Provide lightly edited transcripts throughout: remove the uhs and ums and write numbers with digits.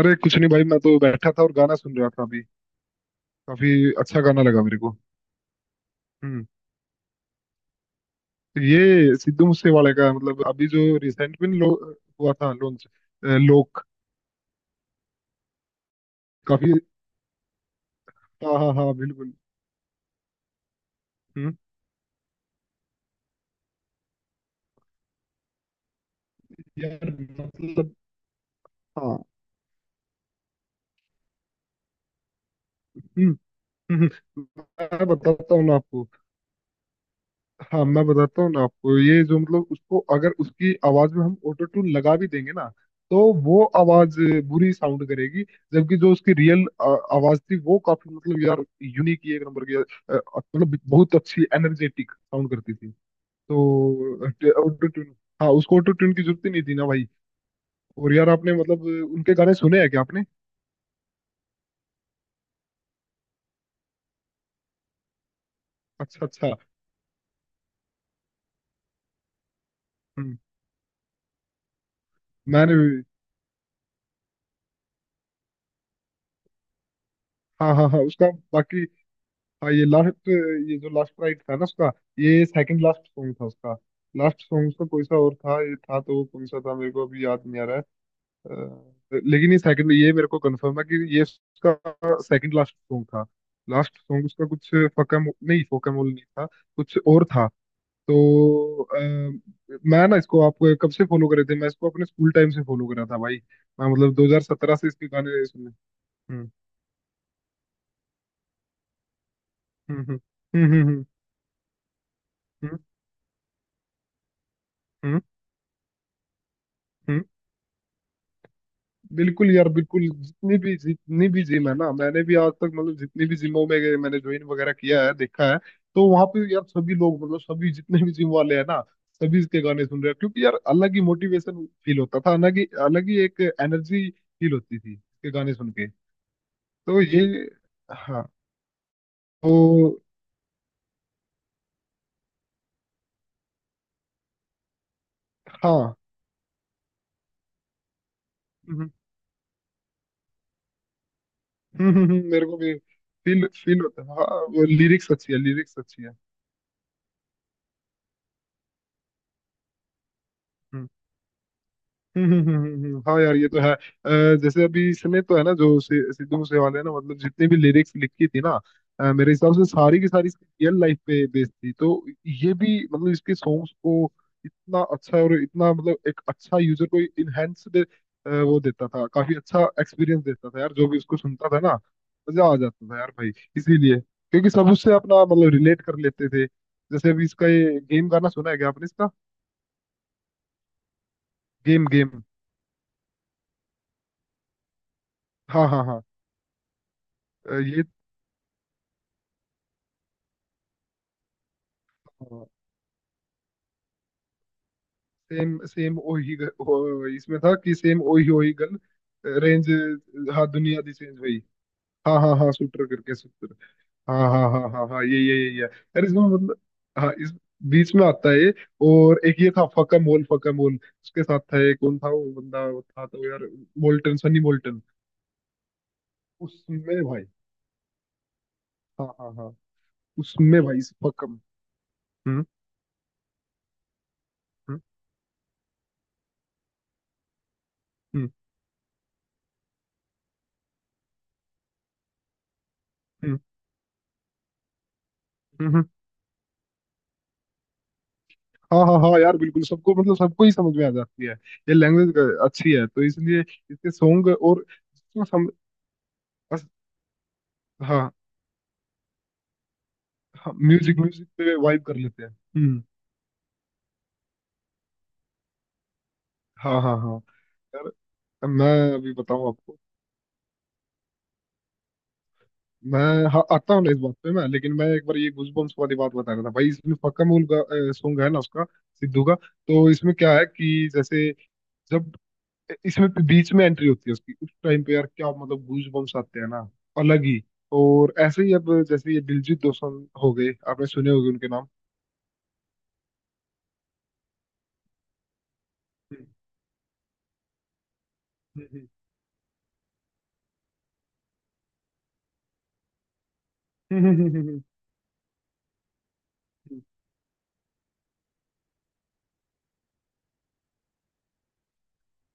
अरे कुछ नहीं भाई, मैं तो बैठा था और गाना सुन रहा था। अभी काफी अच्छा गाना लगा मेरे को। हम्म। तो ये सिद्धू मूसेवाले का मतलब अभी जो रिसेंट में लो, हुआ था लॉन्च। लोक काफी। हाँ हाँ हाँ, बिल्कुल। हम्म यार मतलब। हाँ। हम्म। हम्म। मैं बताता हूँ ना आपको। हाँ, मैं बताता हूँ ना आपको। ये जो मतलब उसको अगर उसकी आवाज में हम ऑटो ट्यून लगा भी देंगे ना तो वो आवाज बुरी साउंड करेगी। जबकि जो उसकी रियल आवाज थी वो काफी मतलब यार यूनिक ही एक नंबर की मतलब बहुत अच्छी एनर्जेटिक साउंड करती थी। तो ऑटो ट्यून, हाँ उसको ऑटो ट्यून की जरूरत ही नहीं थी ना भाई। और यार आपने मतलब उनके गाने सुने हैं क्या आपने? अच्छा, अच्छा। हम्म। मैंने भी। हाँ हाँ हाँ, उसका बाकी। हाँ, ये लास्ट, ये जो लास्ट राइट था ना उसका, ये सेकंड लास्ट सॉन्ग था उसका। लास्ट सॉन्ग उसका कोई सा और था, ये था तो वो कौन सा था मेरे को अभी याद नहीं आ रहा है। लेकिन ये सेकंड, ये मेरे को कंफर्म है कि ये उसका सेकंड लास्ट सॉन्ग था। लास्ट सॉन्ग उसका कुछ फकम नहीं फोकमोल नहीं था, कुछ और था। तो, मैं ना इसको आपको कब से फॉलो करे थे, मैं इसको अपने स्कूल टाइम से फॉलो करा था भाई। मैं मतलब 2017 से इसके गाने सुने। हम्म। हम्म। हम्म। हम्म। हम्म। हम्म। हम्म। हम्म। हम्म। बिल्कुल यार बिल्कुल, जितनी भी जिम है ना, मैंने भी आज तक मतलब जितनी भी जिमों में गए, मैंने ज्वाइन वगैरह किया है, देखा है। तो वहां पे यार सभी लोग मतलब सभी जितने भी जिम वाले हैं ना, सभी इसके गाने सुन रहे हैं, क्योंकि यार अलग ही मोटिवेशन फील होता था, अलग ही एक एनर्जी फील होती थी इसके गाने सुन के। तो ये, हाँ, तो हाँ। हम्म। हम्म। हम्म। मेरे को भी फील फील होता है। हाँ, वो लिरिक्स अच्छी है, लिरिक्स अच्छी है। हम्म। हम्म। हम्म। हम्म। हम्म। हाँ यार ये तो है, जैसे अभी इसने तो है ना, जो सिद्धू मूसेवाले ने ना, मतलब जितनी भी लिरिक्स लिखी थी ना। मेरे हिसाब से सारी की सारी इसकी रियल लाइफ पे बेस्ड थी, तो ये भी मतलब इसके सॉन्ग्स को इतना अच्छा और इतना मतलब एक अच्छा यूजर को इनहेंस्ड वो देता था, काफी अच्छा एक्सपीरियंस देता था यार जो भी उसको सुनता था ना। मजा आ जाता था यार भाई। इसीलिए, क्योंकि सब उससे अपना मतलब रिलेट कर लेते थे। जैसे अभी इसका ये गेम गाना सुना है क्या आपने इसका? Game game. हाँ हाँ हाँ। ये सेम सेम ओही इसमें था कि सेम ओही ओही गन रेंज। हाँ दुनिया दी चेंज हुई। हाँ हाँ हाँ, शूटर करके, शूटर। हाँ हाँ हाँ हाँ हाँ, ये यार इसमें मतलब। हाँ, इस बीच में आता है ये। और एक ये था, फका मोल उसके साथ था, ये कौन था वो बंदा, वो था तो यार। Molten, Sunny molten. उसमें भाई। हाँ हाँ हाँ। उसमें भाई इस फकम। हम्म। हम्म। हम्म। हम्म। हम्म। हाँ हाँ हाँ यार, बिल्कुल सबको मतलब सबको ही समझ में आ जाती है ये लैंग्वेज। अच्छी है, तो इसलिए इसके सॉन्ग और इसमें अस, हाँ हाँ, म्यूजिक म्यूजिक पे वाइब कर लेते हैं। हम्म। हाँ हाँ हाँ यार। मैं अभी बताऊँ आपको, मैं। हाँ, आता हूँ ना इस बात पे मैं, लेकिन मैं एक बार ये गूजबम्प्स वाली बात बता रहा था भाई। इसमें पक्का मूल का सॉन्ग है ना उसका, सिद्धू का। तो इसमें क्या है कि जैसे जब इसमें भी बीच में एंट्री होती है उसकी, उस टाइम पे यार क्या मतलब गूज बम्स आते हैं ना, अलग ही। और ऐसे ही अब जैसे ये दिलजीत दोसांझ हो गए, आपने सुने होंगे उनके नाम। हम्म।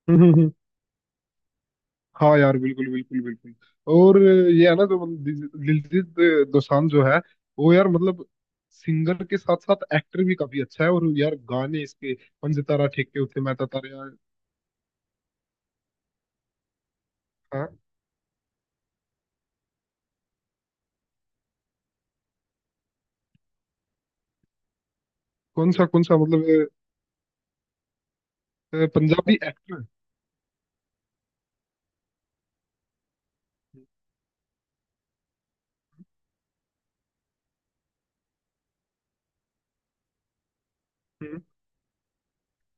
हाँ यार, बिल्कुल बिल्कुल बिल्कुल। और ये है ना जो मतलब दिलजीत दोसांझ जो है, वो यार मतलब सिंगर के साथ साथ एक्टर भी काफी अच्छा है, और यार गाने इसके, पंज तारा ठेके उते मैं तारा। हाँ। कौन सा मतलब? पंजाबी एक्टर।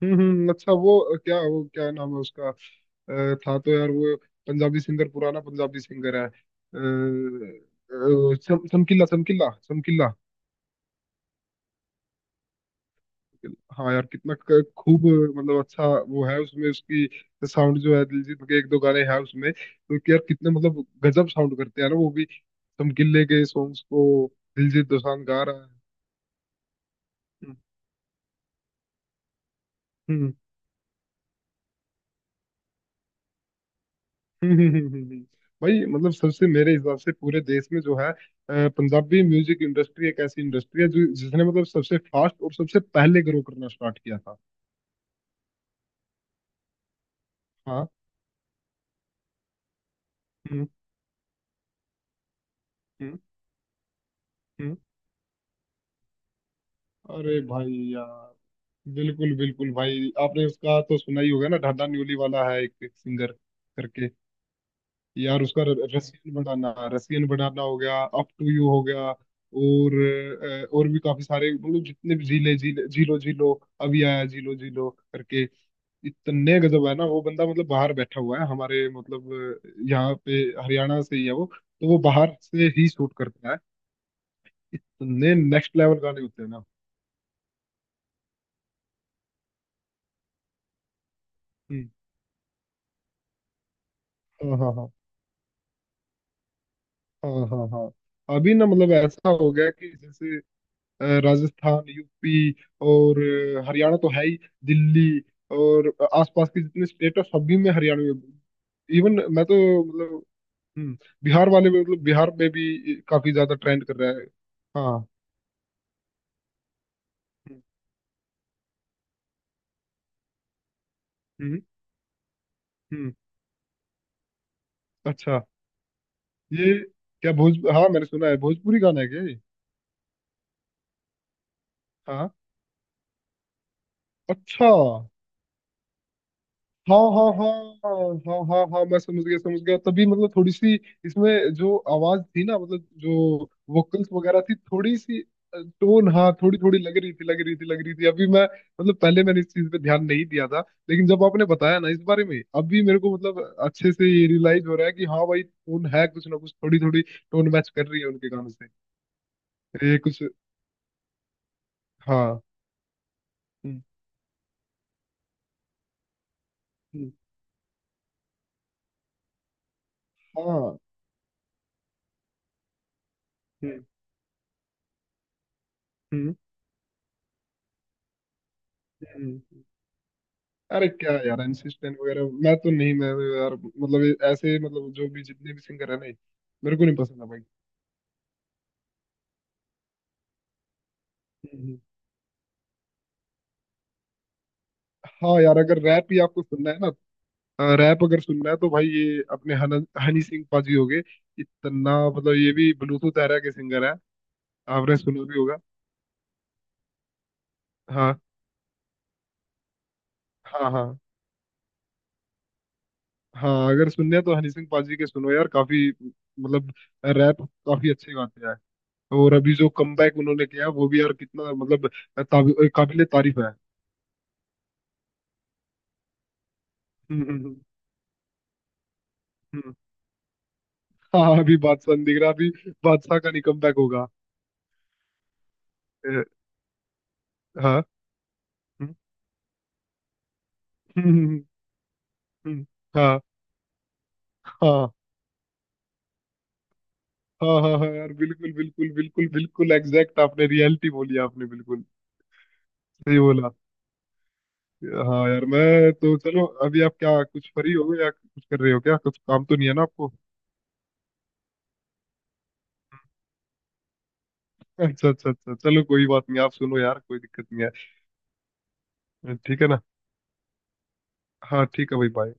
हम्म। अच्छा वो क्या नाम है उसका? था तो यार वो पंजाबी सिंगर, पुराना पंजाबी सिंगर है, समकिल्ला समकिल्ला समकिल्ला। हाँ यार कितना खूब मतलब अच्छा वो है उसमें, उसकी साउंड जो है, दिलजीत के एक दो गाने हैं उसमें तो कि यार कितने मतलब गजब साउंड करते हैं ना वो भी समकिल्ले के सॉन्ग्स को, दिलजीत दोसांझ गा रहा है। हम्म। हम्म। हम्म। हम्म। हम्म। हम्म। हम्म। भाई मतलब सबसे मेरे हिसाब से पूरे देश में जो है पंजाबी म्यूजिक इंडस्ट्री एक ऐसी इंडस्ट्री है जो जिसने मतलब सबसे फास्ट और सबसे पहले ग्रो करना स्टार्ट किया था। हाँ। हम्म। हम्म। हम्म। अरे भाई यार बिल्कुल बिल्कुल भाई, आपने उसका तो सुना ही होगा ना, ढाडा न्यूली वाला है एक सिंगर करके। यार उसका रसियन बनाना, रसियन बनाना हो गया, अप टू यू हो गया। और और भी काफी सारे मतलब, जितने भी जीले जीले जीलो जीलो, अभी आया जीलो जीलो करके। इतने गजब है ना वो बंदा, मतलब बाहर बैठा हुआ है हमारे मतलब यहाँ पे, हरियाणा से ही है वो तो, वो बाहर से ही शूट करता है। इतने नेक्स्ट लेवल गाने होते हैं ना। हम्म, हाँ हाँ हाँ हाँ हाँ हाँ, अभी ना मतलब ऐसा हो गया कि जैसे राजस्थान, यूपी और हरियाणा तो है ही, दिल्ली और आसपास के जितने स्टेट है सभी में, हरियाणा में। इवन मैं तो मतलब हम्म, बिहार वाले में मतलब बिहार में भी काफी ज्यादा ट्रेंड कर रहा है। हाँ। हम्म। हम्म। अच्छा ये क्या भोज हाँ मैंने सुना है, भोजपुरी गाना है क्या ये? हाँ हाँ। अच्छा, हाँ हाँ हाँ हाँ हाँ हाँ हाँ, मैं समझ गया समझ गया, तभी मतलब थोड़ी सी इसमें जो आवाज थी ना, मतलब जो वोकल्स वगैरह थी, थोड़ी सी टोन, हाँ थोड़ी थोड़ी लग रही थी लग रही थी लग रही थी। अभी मैं मतलब पहले मैंने इस चीज पे ध्यान नहीं दिया था। लेकिन जब आपने बताया ना इस बारे में, अभी मेरे को मतलब अच्छे से ये रियलाइज हो रहा है कि हाँ भाई टोन है, कुछ ना कुछ थोड़ी थोड़ी टोन मैच कर रही है उनके गानों से, ये कुछ। हाँ। हम्म। हम्म। हाँ। हम्म। हम्म। हम्म। अरे क्या यार, इंसिस्टेंट वगैरह मैं तो नहीं, मैं तो यार मतलब ये ऐसे मतलब जो भी जितने भी सिंगर है ना, मेरे को नहीं पसंद है भाई। हम्म। हाँ यार, अगर रैप ही आपको सुनना है ना, रैप अगर सुनना है तो भाई ये अपने हनी सिंह पाजी हो गए। इतना मतलब, ये भी ब्लूटूथ एरा के सिंगर है, आपने सुना भी होगा। हाँ हाँ। हाँ हाँ, अगर सुनने हैं तो हनी सिंह पाजी के सुनो यार, काफी मतलब रैप काफी अच्छे गाते हैं। और अभी जो कमबैक उन्होंने किया, वो भी यार कितना मतलब काबिले तारीफ है। हम्म। हम्म। हम्म। हम्म। हाँ अभी बादशाह नहीं दिख रहा, अभी बादशाह का नहीं कमबैक होगा। अ, हाँ। हम्म। हम्म। हम्म। हम्म। हम्म। हाँ हाँ हाँ हाँ हाँ यार, बिल्कुल बिल्कुल बिल्कुल बिल्कुल एग्जैक्ट, आपने रियलिटी बोली, आपने बिल्कुल सही बोला। हाँ यार मैं तो, चलो अभी आप क्या कुछ फ्री हो गए या कुछ कर रहे हो क्या, कुछ काम तो नहीं है ना आपको? अच्छा अच्छा अच्छा, चलो कोई बात नहीं, आप सुनो यार, कोई दिक्कत नहीं है, ठीक है ना। हाँ ठीक है भाई, बाय।